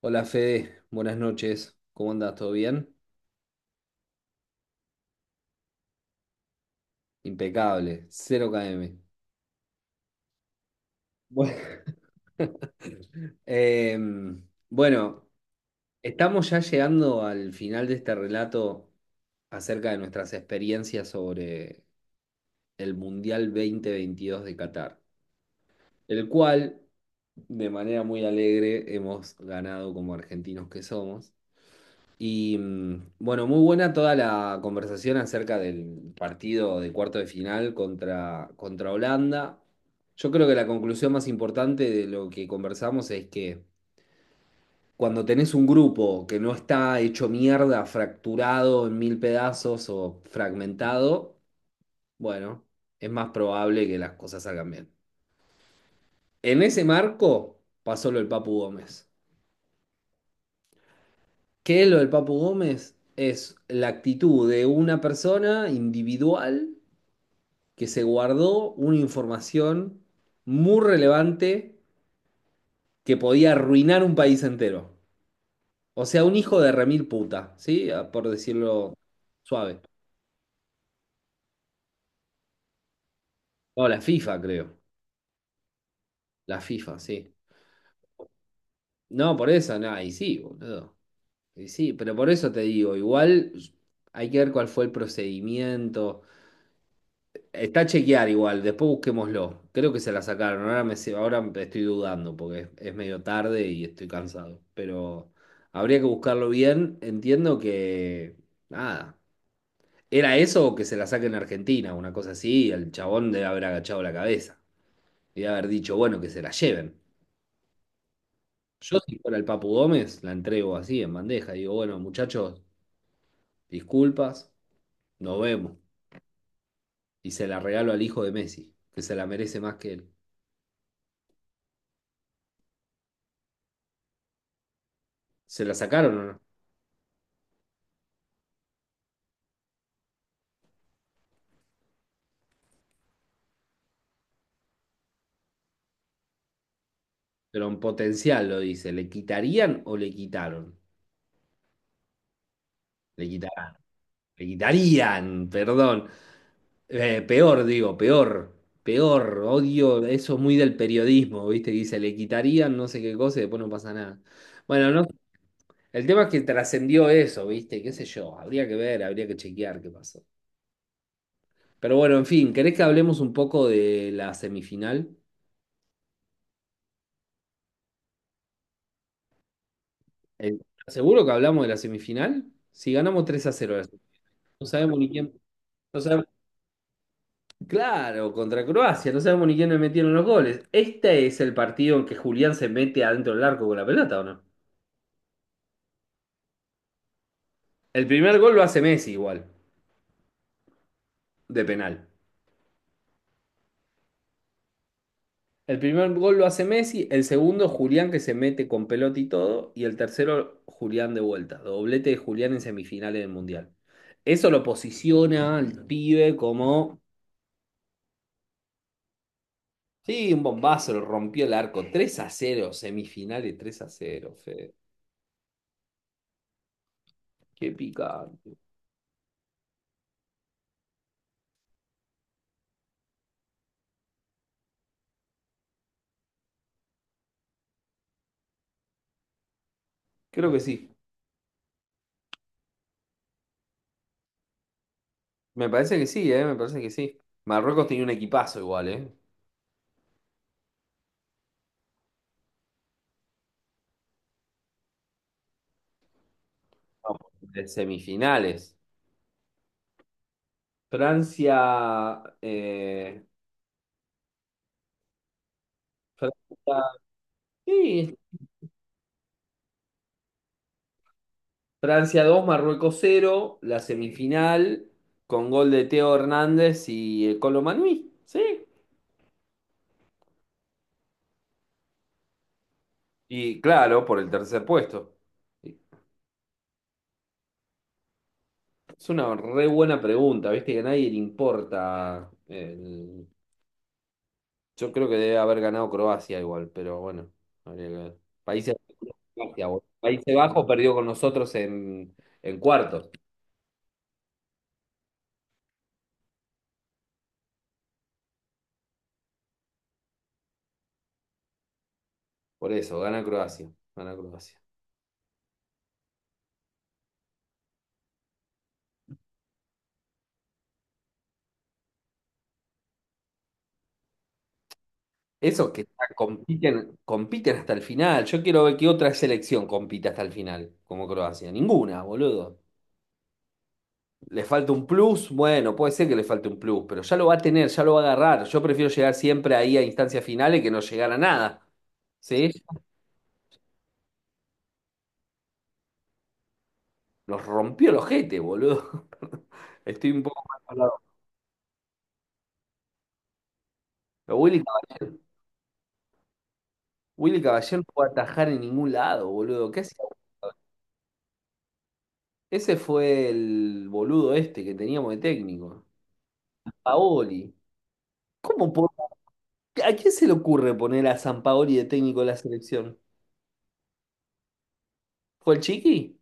Hola Fede, buenas noches. ¿Cómo andas? ¿Todo bien? Impecable, cero km. Bueno, Em, bueno, estamos ya llegando al final de este relato acerca de nuestras experiencias sobre el Mundial 2022 de Qatar, el cual, de manera muy alegre, hemos ganado como argentinos que somos. Y bueno, muy buena toda la conversación acerca del partido de cuarto de final contra Holanda. Yo creo que la conclusión más importante de lo que conversamos es que cuando tenés un grupo que no está hecho mierda, fracturado en mil pedazos o fragmentado, bueno, es más probable que las cosas salgan bien. En ese marco pasó lo del Papu Gómez. ¿Qué es lo del Papu Gómez? Es la actitud de una persona individual que se guardó una información muy relevante que podía arruinar un país entero. O sea, un hijo de remil puta, ¿sí? Ah, por decirlo suave. No, la FIFA, creo. La FIFA, sí. No, por eso, no, y sí, boludo. Y sí, pero por eso te digo, igual hay que ver cuál fue el procedimiento. Está a chequear igual, después busquémoslo. Creo que se la sacaron. Ahora ahora me estoy dudando porque es medio tarde y estoy cansado. Pero habría que buscarlo bien. Entiendo que. Nada. ¿Era eso o que se la saquen a Argentina? Una cosa así. Y el chabón debe haber agachado la cabeza y debe haber dicho, bueno, que se la lleven. Yo, si fuera el Papu Gómez, la entrego así en bandeja. Digo, bueno, muchachos, disculpas, nos vemos. Y se la regalo al hijo de Messi, que se la merece más que él. ¿Se la sacaron o no? Pero en potencial lo dice. ¿Le quitarían o le quitaron? Le quitarían, perdón. Peor, digo, peor. Odio, eso es muy del periodismo, ¿viste? Dice, le quitarían no sé qué cosa y después no pasa nada. Bueno, no, el tema es que trascendió eso, ¿viste? ¿Qué sé yo? Habría que ver, habría que chequear qué pasó. Pero bueno, en fin, ¿querés que hablemos un poco de la semifinal? El- ¿Seguro que hablamos de la semifinal? Si ganamos 3 a cero la semifinal. No sabemos ni quién, no sabemos. Claro, contra Croacia, no sabemos ni quién le metieron los goles. Este es el partido en que Julián se mete adentro del arco con la pelota, ¿o no? El primer gol lo hace Messi igual, de penal. El primer gol lo hace Messi, el segundo Julián que se mete con pelota y todo, y el tercero Julián de vuelta, doblete de Julián en semifinales del Mundial. Eso lo posiciona al pibe como, sí, un bombazo, lo rompió el arco, 3 a cero, semifinales 3 a cero, Fede. Qué picante. Creo que sí. Me parece que sí, ¿eh? Me parece que sí. Marruecos tenía un equipazo igual, ¿eh? Vamos. De semifinales. Francia, eh, Francia, sí, Francia 2, Marruecos cero la semifinal con gol de Teo Hernández y el Colo Manui, ¿sí? Y claro, por el tercer puesto. Es una re buena pregunta, ¿viste? Que a nadie le importa el- Yo creo que debe haber ganado Croacia igual, pero bueno, habría que ver. Países, Croacia, boludo. Países Bajos perdió con nosotros en cuartos. Por eso, gana Croacia. Gana Croacia. Esos que está- compiten hasta el final. Yo quiero ver qué otra selección compite hasta el final, como Croacia. Ninguna, boludo. ¿Le falta un plus? Bueno, puede ser que le falte un plus, pero ya lo va a tener, ya lo va a agarrar. Yo prefiero llegar siempre ahí a instancias finales que no llegar a nada. ¿Sí? Nos rompió el ojete, boludo. Estoy un poco mal hablado. Pero Willy, Cab- Willy Caballero no puede atajar en ningún lado, boludo. ¿Qué hacía? Ese fue el boludo este que teníamos de técnico. Paoli. ¿Cómo po- ¿A quién se le ocurre poner a Paoli de técnico de la selección? ¿Fue el Chiqui?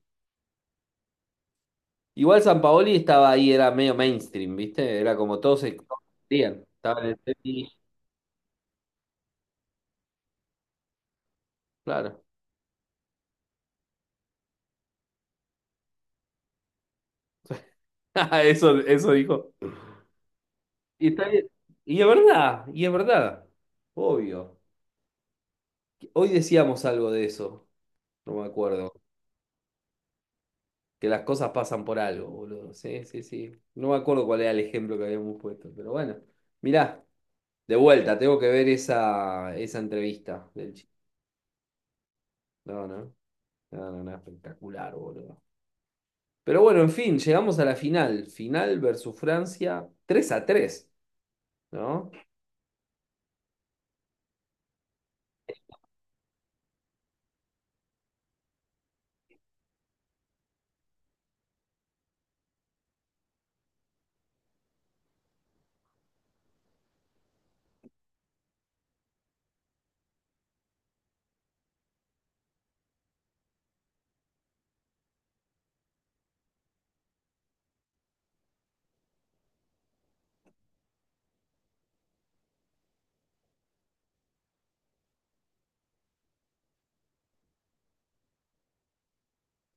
Igual Paoli estaba ahí, era medio mainstream, ¿viste? Era como todos querían. Estaba en el tenis, claro. Eso dijo. Y está bien. Y es verdad, y es verdad. Obvio. Hoy decíamos algo de eso, no me acuerdo. Que las cosas pasan por algo, boludo. Sí, sí, sí. No me acuerdo cuál era el ejemplo que habíamos puesto, pero bueno. Mirá, de vuelta, tengo que ver esa entrevista del chico. No, no, no, no, no, espectacular, boludo. Pero bueno, en fin, llegamos a la final. Final versus Francia, tres a 3, ¿no?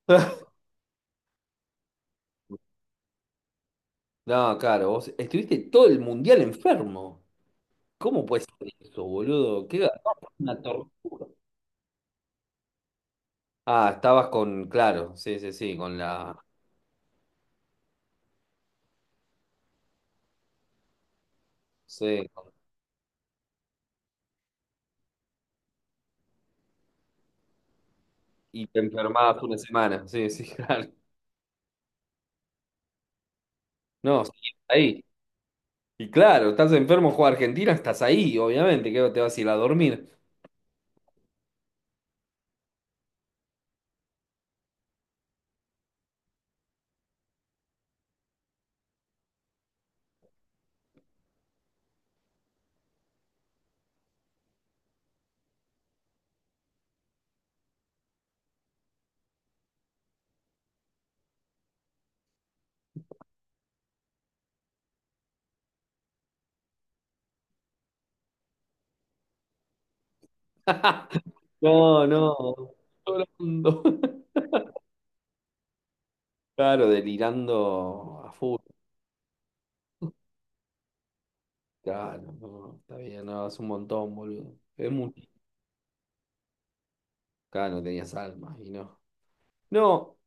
No, claro, vos estuviste todo el mundial enfermo. ¿Cómo puede ser eso, boludo? Qué garrón, una tortura. Ah, estabas con, claro, sí, sí, sí, con la, sí, con- y te enfermabas una semana, sí, sí, claro. No, sí, ahí. Y claro, estás enfermo, juega Argentina, estás ahí, obviamente, que te vas a ir a dormir. No, no, llorando. Claro, delirando a full. Claro, no, está bien, no, es un montón, boludo. Es mucho. Claro, no tenías alma y no. No,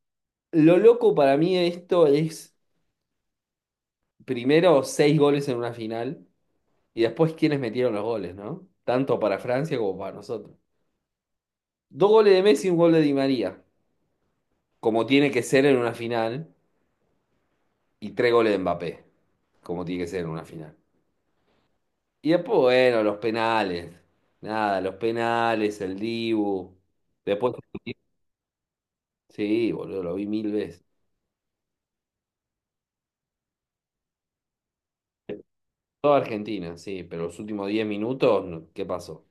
lo loco para mí de esto es, primero, seis goles en una final. Y después, ¿quiénes metieron los goles, no? Tanto para Francia como para nosotros. Dos goles de Messi y un gol de Di María, como tiene que ser en una final, y tres goles de Mbappé, como tiene que ser en una final. Y después, bueno, los penales. Nada, los penales, el Dibu. Después, sí, boludo, lo vi mil veces. Toda Argentina, sí, pero los últimos 10 minutos, no, ¿qué pasó?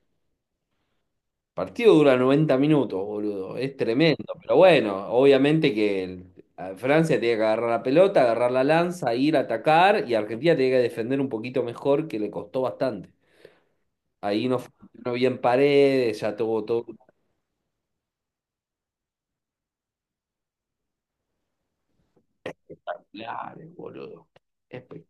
Partido dura 90 minutos, boludo. Es tremendo. Pero bueno, obviamente que el- a Francia tiene que agarrar la pelota, agarrar la lanza, ir a atacar y Argentina tiene que defender un poquito mejor, que le costó bastante. Ahí no funcionó bien Paredes, ya tuvo todo. Claro, boludo. Espe-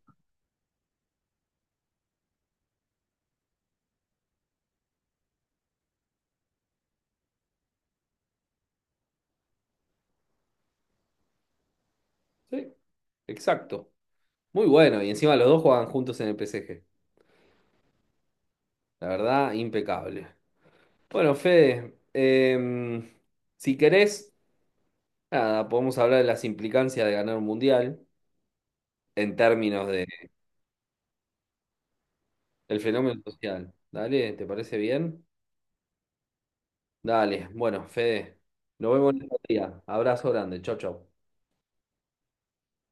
Sí, exacto. Muy bueno. Y encima los dos juegan juntos en el PSG. La verdad, impecable. Bueno, Fede, si querés, nada, podemos hablar de las implicancias de ganar un mundial. En términos de el fenómeno social. Dale, ¿te parece bien? Dale, bueno, Fede, nos vemos en otro día. Abrazo grande, chau, chau.